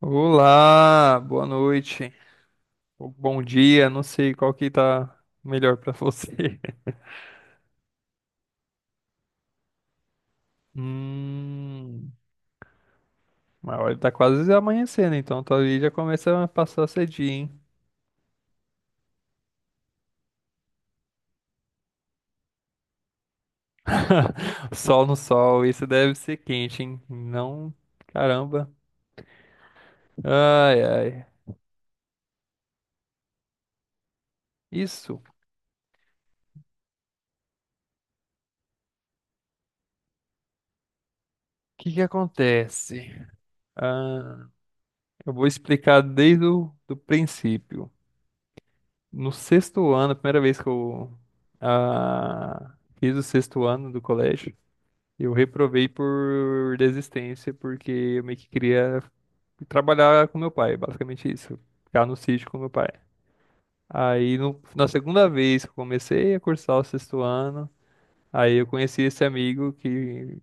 Olá, boa noite, ou bom dia, não sei qual que tá melhor pra você. Hum, mas olha, tá quase amanhecendo, então talvez já comece a passar cedinho, hein? Sol no sol, isso deve ser quente, hein? Não, caramba. Ai, ai. Isso, o que que acontece? Ah, eu vou explicar desde o do princípio. No sexto ano, a primeira vez que eu fiz o sexto ano do colégio, eu reprovei por desistência, porque eu meio que queria trabalhar com meu pai, basicamente isso. Ficar no sítio com meu pai. Aí, na segunda vez que eu comecei a cursar o sexto ano, aí eu conheci esse amigo que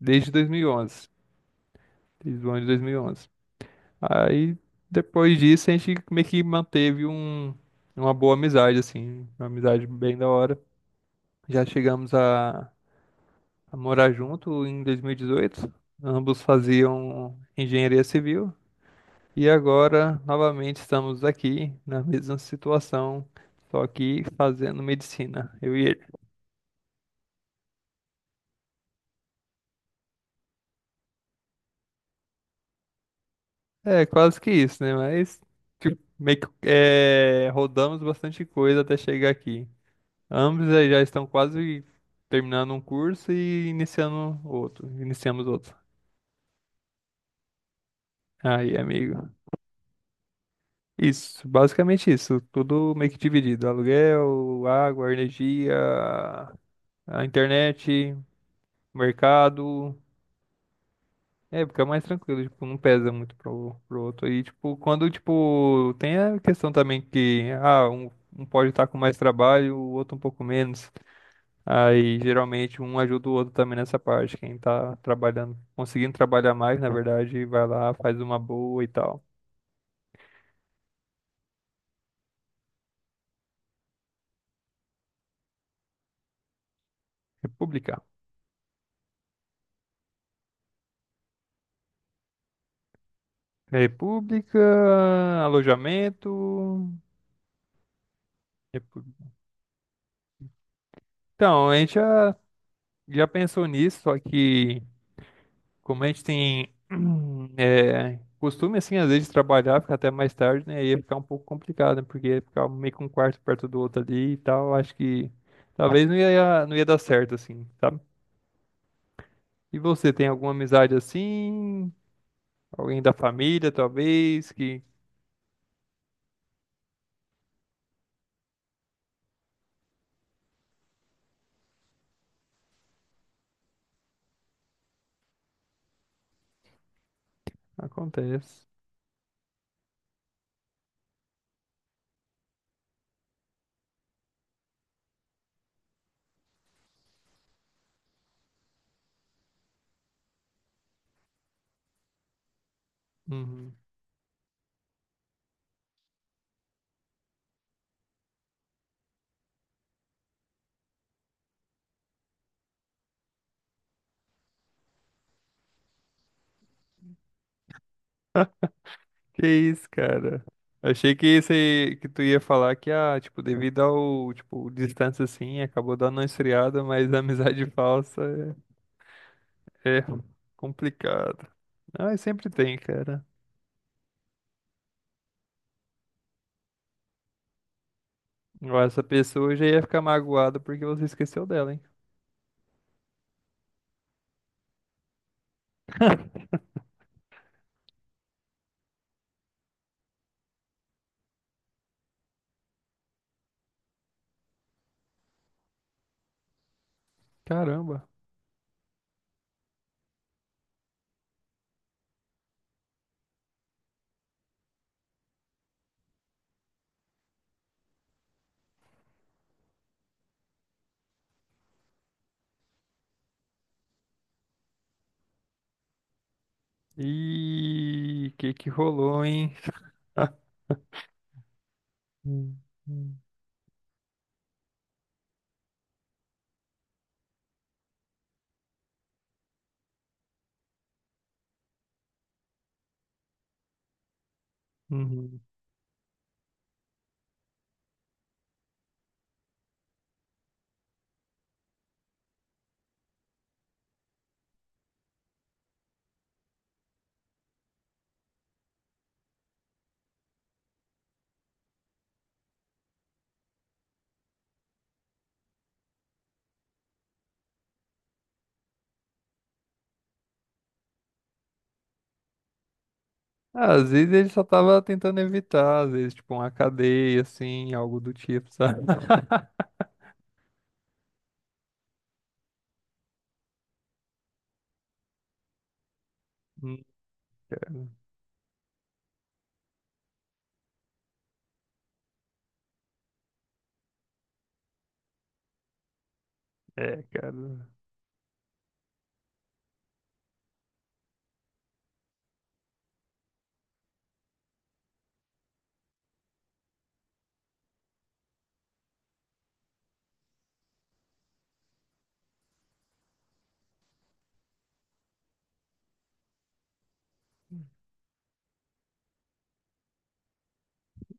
desde 2011, desde o ano de 2011. Aí, depois disso, a gente meio que manteve uma boa amizade, assim, uma amizade bem da hora. Já chegamos a morar junto em 2018. Ambos faziam engenharia civil e agora novamente estamos aqui na mesma situação, só que fazendo medicina, eu e ele. É, quase que isso, né? Mas tipo, meio que é, rodamos bastante coisa até chegar aqui. Ambos aí já estão quase terminando um curso e iniciando outro. Iniciamos outro. Aí, amigo. Isso, basicamente isso. Tudo meio que dividido. Aluguel, água, energia, a internet, mercado. É, fica mais tranquilo, tipo, não pesa muito pro outro. E, tipo, quando, tipo, tem a questão também que, ah, um pode estar com mais trabalho, o outro um pouco menos. Aí, geralmente, um ajuda o outro também nessa parte. Quem tá trabalhando, conseguindo trabalhar mais, na verdade, vai lá, faz uma boa e tal. República. República, alojamento. repu- Então, a gente já pensou nisso, só que como a gente tem é, costume, assim, às vezes de trabalhar, ficar até mais tarde, né? Ia ficar um pouco complicado, né? Porque ia ficar meio que um quarto perto do outro ali e tal. Acho que talvez não ia dar certo, assim, sabe? E você tem alguma amizade assim? Alguém da família, talvez, que acontece. Uhum. Que isso, cara? Achei que esse que tu ia falar que ah, tipo, devido ao, tipo, distância assim, acabou dando uma esfriada, mas a amizade falsa é complicado. Ah, sempre tem, cara. Ó, essa pessoa já ia ficar magoada porque você esqueceu dela, hein? Caramba. E que rolou, hein? Hum, hum, uhum. Ah, às vezes ele só tava tentando evitar, às vezes, tipo, uma cadeia, assim, algo do tipo, sabe? Hum, é, cara.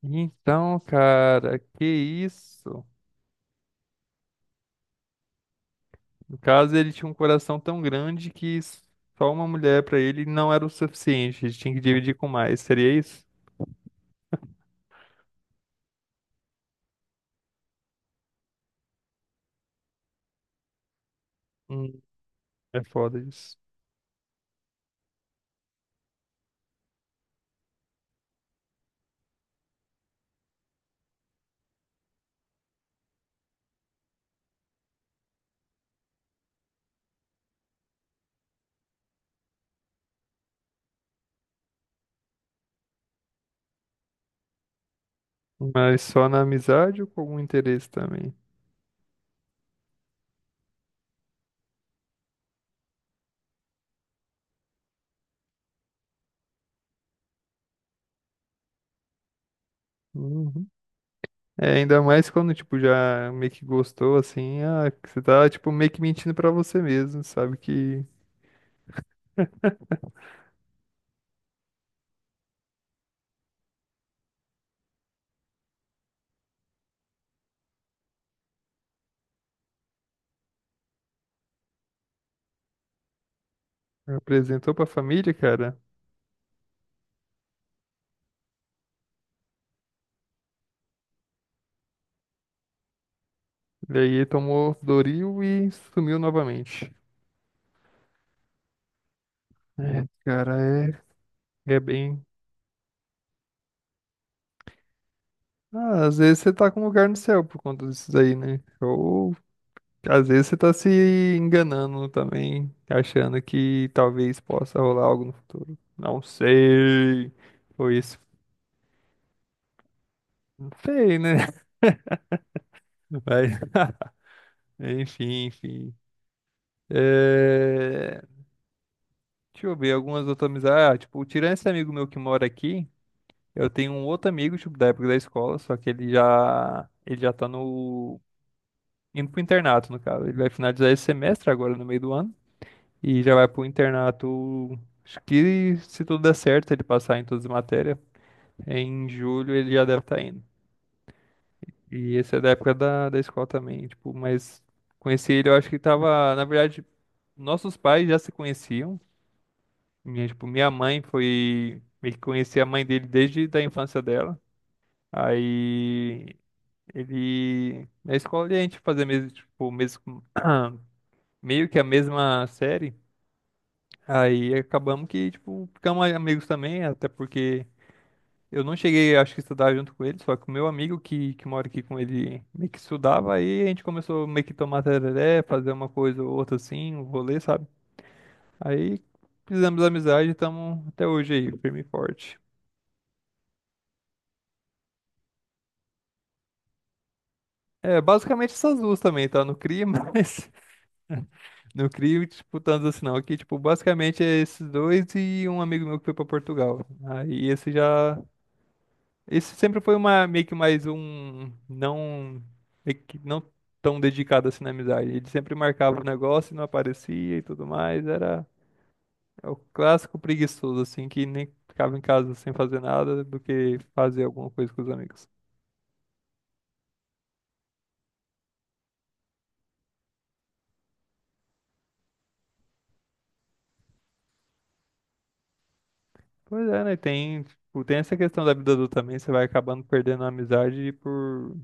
Então, cara, que isso? No caso, ele tinha um coração tão grande que só uma mulher pra ele não era o suficiente. Ele tinha que dividir com mais. Seria isso? Hum, é foda isso. Mas só na amizade ou com algum interesse também? Uhum. É, ainda mais quando, tipo, já meio que gostou, assim, ah, que você tá, tipo, meio que mentindo pra você mesmo, sabe? Que apresentou pra família, cara. E aí ele tomou Doril e sumiu novamente. É, cara, é, é bem. Ah, às vezes você tá com lugar no céu por conta disso daí, né? Ou às vezes você tá se enganando também, achando que talvez possa rolar algo no futuro. Não sei. Foi isso. Feio, né? Mas, enfim, enfim. É... Deixa eu ver algumas outras amizades. Ah, tipo, tirando esse amigo meu que mora aqui, eu tenho um outro amigo, tipo, da época da escola, só que ele já tá no... indo pro internato, no caso. Ele vai finalizar esse semestre agora, no meio do ano. E já vai pro internato. Acho que se tudo der certo, ele passar em todas as matérias, em julho ele já deve estar indo. E esse é da época da escola também, tipo, mas conheci ele, eu acho que tava, na verdade, nossos pais já se conheciam. Minha, tipo, minha mãe foi, meio que conhecia a mãe dele desde da infância dela. Aí ele, na escola a gente fazia mesmo, tipo, mesmo, meio que a mesma série. Aí acabamos que, tipo, ficamos amigos também, até porque eu não cheguei, acho que, a estudar junto com ele, só que o meu amigo que mora aqui com ele meio que estudava, aí a gente começou meio que tomar tereré, fazer uma coisa ou outra assim, um rolê, sabe? Aí fizemos amizade e estamos até hoje aí, firme e forte. É, basicamente essas duas também, tá? No CRI, mas no CRI, tipo, tanto assim não. Aqui, tipo, basicamente é esses dois e um amigo meu que foi pra Portugal. Aí esse já isso sempre foi uma meio que mais um não meio que não tão dedicado assim na amizade. Ele sempre marcava o negócio e não aparecia e tudo mais. Era é o clássico preguiçoso assim que nem ficava em casa sem fazer nada do que fazer alguma coisa com os amigos. Pois é, né? Tem, tipo, tem essa questão da vida adulta também, você vai acabando perdendo a amizade por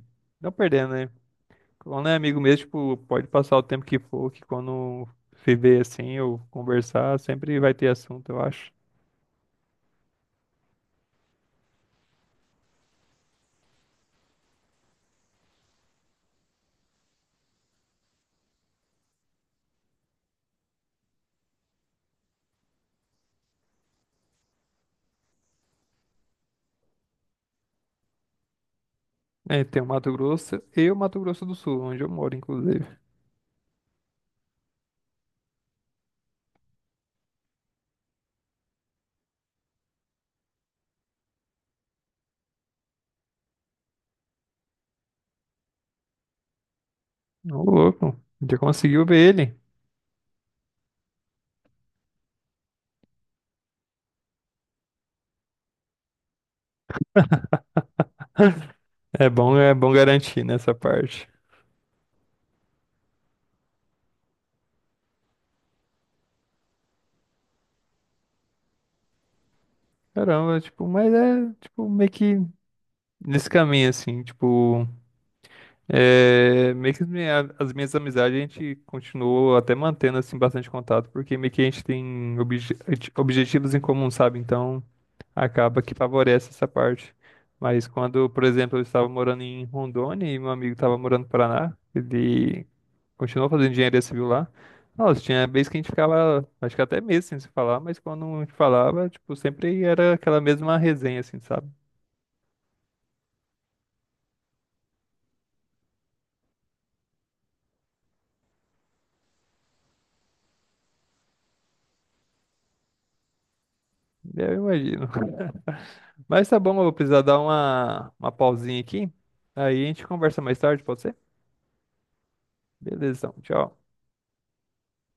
não perdendo, né? Quando é amigo mesmo, tipo, pode passar o tempo que for, que quando se vê assim ou conversar, sempre vai ter assunto, eu acho. É, tem o Mato Grosso e o Mato Grosso do Sul, onde eu moro, inclusive. Ô, louco, já conseguiu ver ele. É bom garantir nessa parte. Caramba, tipo, mas é, tipo, meio que nesse caminho, assim, tipo, é, meio que as minhas amizades a gente continuou até mantendo, assim, bastante contato, porque meio que a gente tem objetivos em comum, sabe? Então, acaba que favorece essa parte. Mas quando, por exemplo, eu estava morando em Rondônia e meu amigo estava morando no Paraná, ele continuou fazendo engenharia civil lá. Nossa, tinha vez que a gente ficava, acho que até meses sem se falar, mas quando a gente falava, tipo, sempre era aquela mesma resenha, assim, sabe? Eu imagino. Mas tá bom, eu vou precisar dar uma pausinha aqui. Aí a gente conversa mais tarde, pode ser? Beleza, então, tchau.